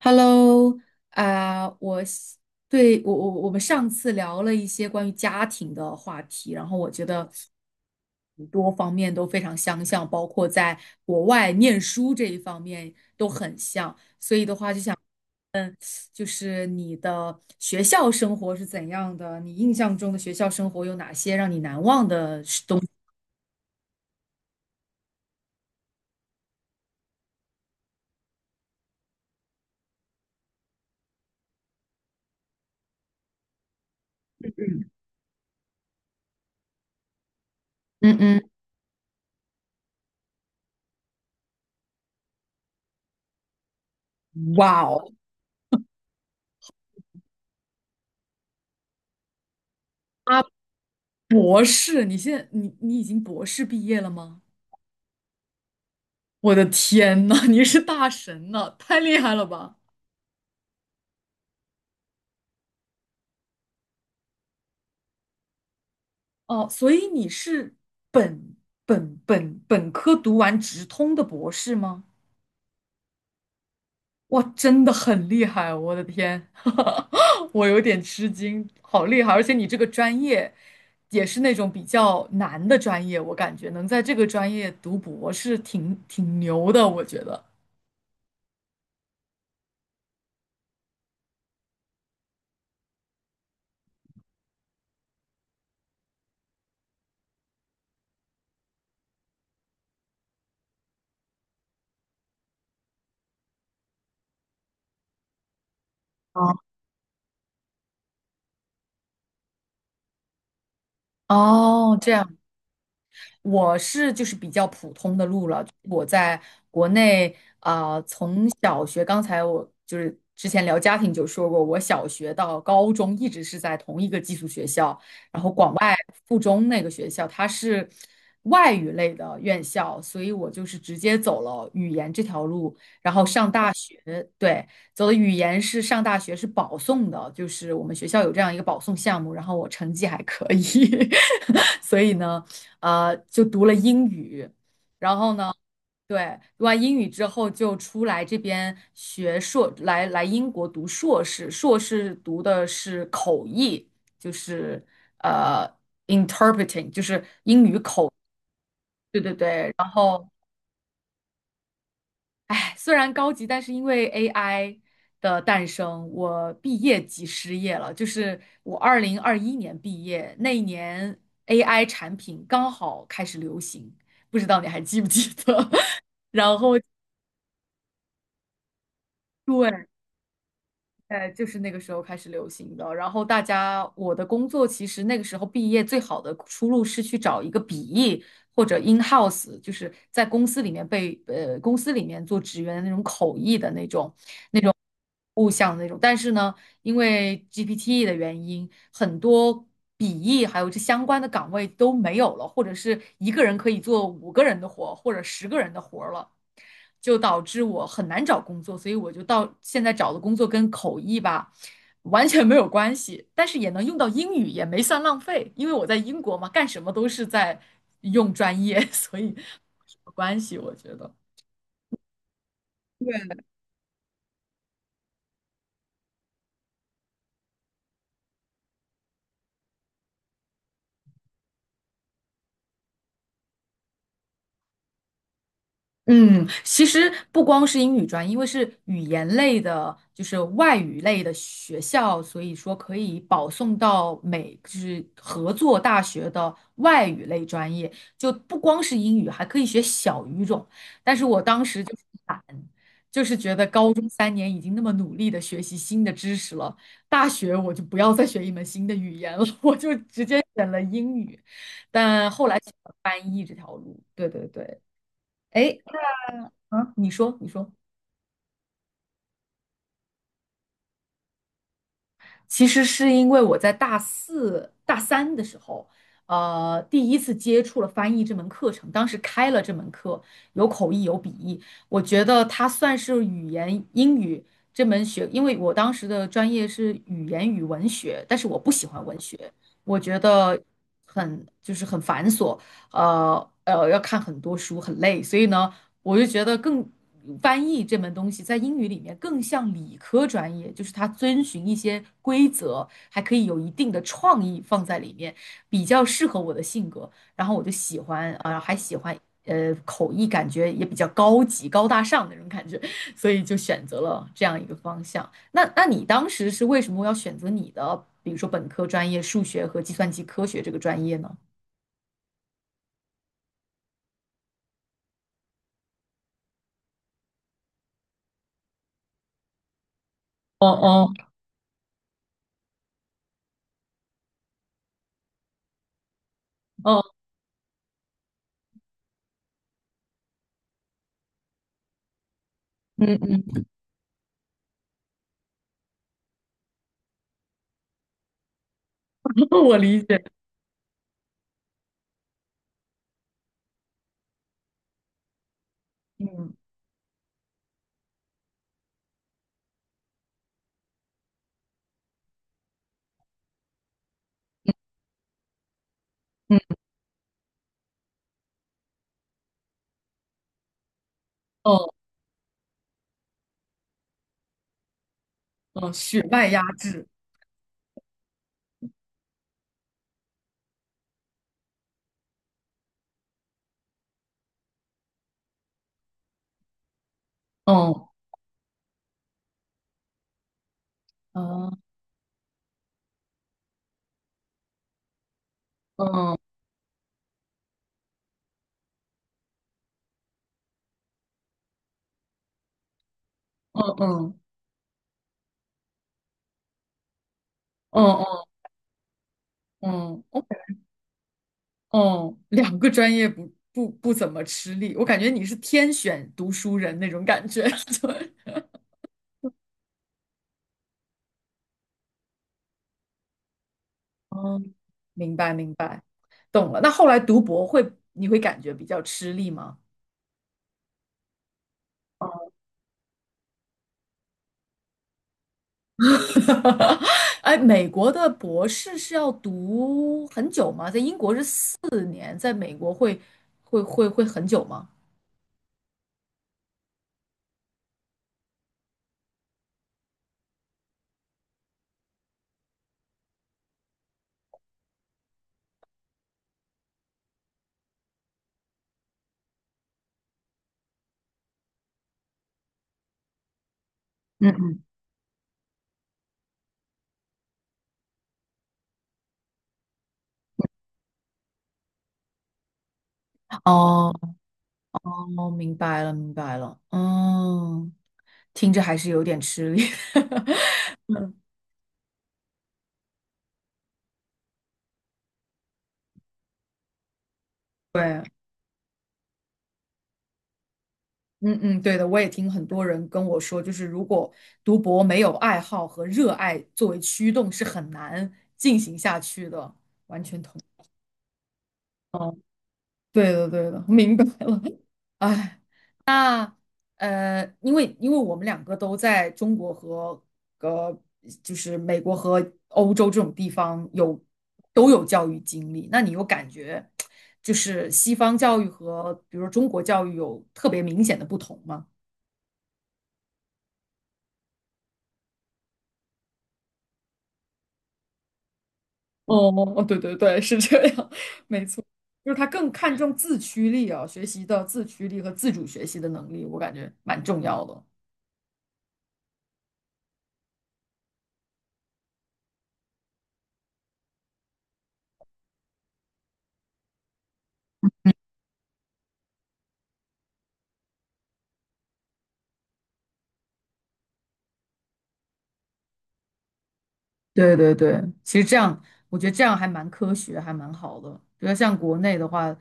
Hello，啊、我是对我们上次聊了一些关于家庭的话题，然后我觉得很多方面都非常相像，包括在国外念书这一方面都很像。就是你的学校生活是怎样的？你印象中的学校生活有哪些让你难忘的事东西？嗯嗯。哇哦。啊，博士，你现在你已经博士毕业了吗？我的天呐，你是大神呐，太厉害了吧！哦，所以你是本本科读完直通的博士吗？哇，真的很厉害啊，我的天，我有点吃惊，好厉害！而且你这个专业也是那种比较难的专业，我感觉能在这个专业读博士挺牛的，我觉得。哦。哦，这样。我是就是比较普通的路了，我在国内从小学，刚才我就是之前聊家庭就说过，我小学到高中一直是在同一个寄宿学校，然后广外附中那个学校它是外语类的院校，所以我就是直接走了语言这条路，然后上大学，对，走的语言是上大学是保送的，就是我们学校有这样一个保送项目，然后我成绩还可以，所以呢。就读了英语，然后呢，对，读完英语之后就出来这边学硕，来英国读硕士，硕士读的是口译，就是呃 interpreting，就是英，对对对，然后。哎，虽然高级，但是因为 AI 的诞生，我毕业即失业了。就是我2021年毕业那一年，AI 产品刚好开始流行，不知道你还记不记得？然后对，哎，就是那个时候开始流行的。然后大家，我的工作其实那个时候毕业最好的出路是去找一个笔译或者 in house，就是在公司里面公司里面做职员的那种口译的那种。物象的那种。但是呢，因为 GPT 的原因，很多笔译还有这相关的岗位都没有了，或者是一个人可以做5个人的活或者10个人的活了，就导致我很难找工作。所以我就到现在找的工作跟口译吧。完全没有关系，但是也能用到英语，也没算浪费，因为我在英国嘛，干什么都是在用专业，所以没什么关系，我觉得。对。嗯，其实不光是英语专业，因为是语言类的，就是外语类的学校，所以说可以保送到美，就是合作大学的外语类专业，就不光是英语，还可以学小语种。但是我当时就是懒，就是觉得高中3年已经那么努力的学习新的知识了，大学我就不要再学一门新的语言了，我就直接选了英语，但后来选了翻译这条路。对对对。哎，诶，啊，你说，你说，其实是因为我在大四、大三的时候，第一次接触了翻译这门课程，当时开了这门课，有口译，有笔译，我觉得它算是语言英语这门学，因为我当时的专业是语言与文学，但是我不喜欢文学，我觉得很就是很繁琐，要看很多书，很累，所以呢。我就觉得更翻译这门东西在英语里面更像理科专业，就是它遵循一些规则，还可以有一定的创意放在里面，比较适合我的性格。然后我就喜欢啊，还喜欢口译，感觉也比较高级、高大上的那种感觉，所以就选择了这样一个方向。那你当时是为什么要选择你的，比如说本科专业数学和计算机科学这个专业呢？哦哦哦，嗯嗯，我理解，嗯。嗯。哦。嗯，血脉压制，嗯，哦，嗯嗯嗯嗯嗯嗯嗯，哦两个专业不怎么吃力，我感觉你是天选读书人那种感觉，对，嗯。明白明白，懂了。那后来读博会，你会感觉比较吃力吗？哎，美国的博士是要读很久吗？在英国是4年，在美国会很久吗？嗯嗯，哦，哦，明白了，明白了。嗯，听着还是有点吃力。嗯，对，嗯嗯，对的，我也听很多人跟我说，就是如果读博没有爱好和热爱作为驱动，是很难进行下去的。完全同意。对的，对的，明白了。哎，那因为我们两个都在中国和呃，就是美国和欧洲这种地方有都有教育经历，那你有感觉就是西方教育和比如说中国教育有特别明显的不同吗？哦，哦，对对对，是这样，没错，就是他更看重自驱力啊，学习的自驱力和自主学习的能力，我感觉蛮重要的。对对对，其实这样，我觉得这样还蛮科学，还蛮好的。比如像国内的话，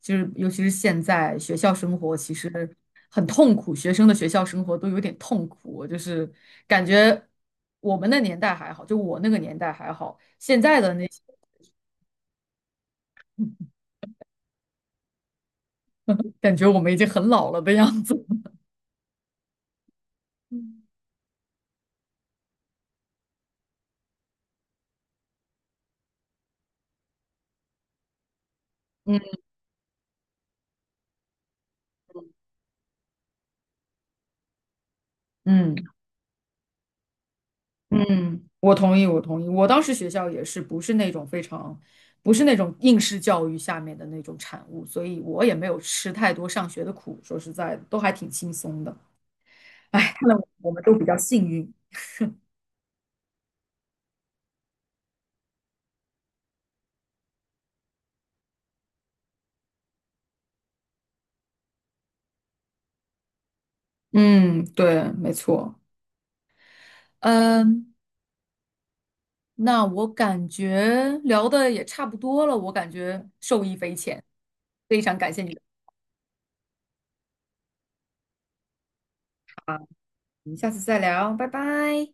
就是尤其是现在学校生活其实很痛苦，学生的学校生活都有点痛苦。就是感觉我们那年代还好，就我那个年代还好，现在的那些 感觉我们已经很老了的样子。嗯嗯。嗯，我同意，我同意。我当时学校也是不是那种非常，不是那种应试教育下面的那种产物，所以我也没有吃太多上学的苦。说实在的，都还挺轻松的。哎，看来我们都比较幸运。嗯，对，没错。嗯，那我感觉聊的也差不多了，我感觉受益匪浅，非常感谢你的啊，我们下次再聊，拜拜。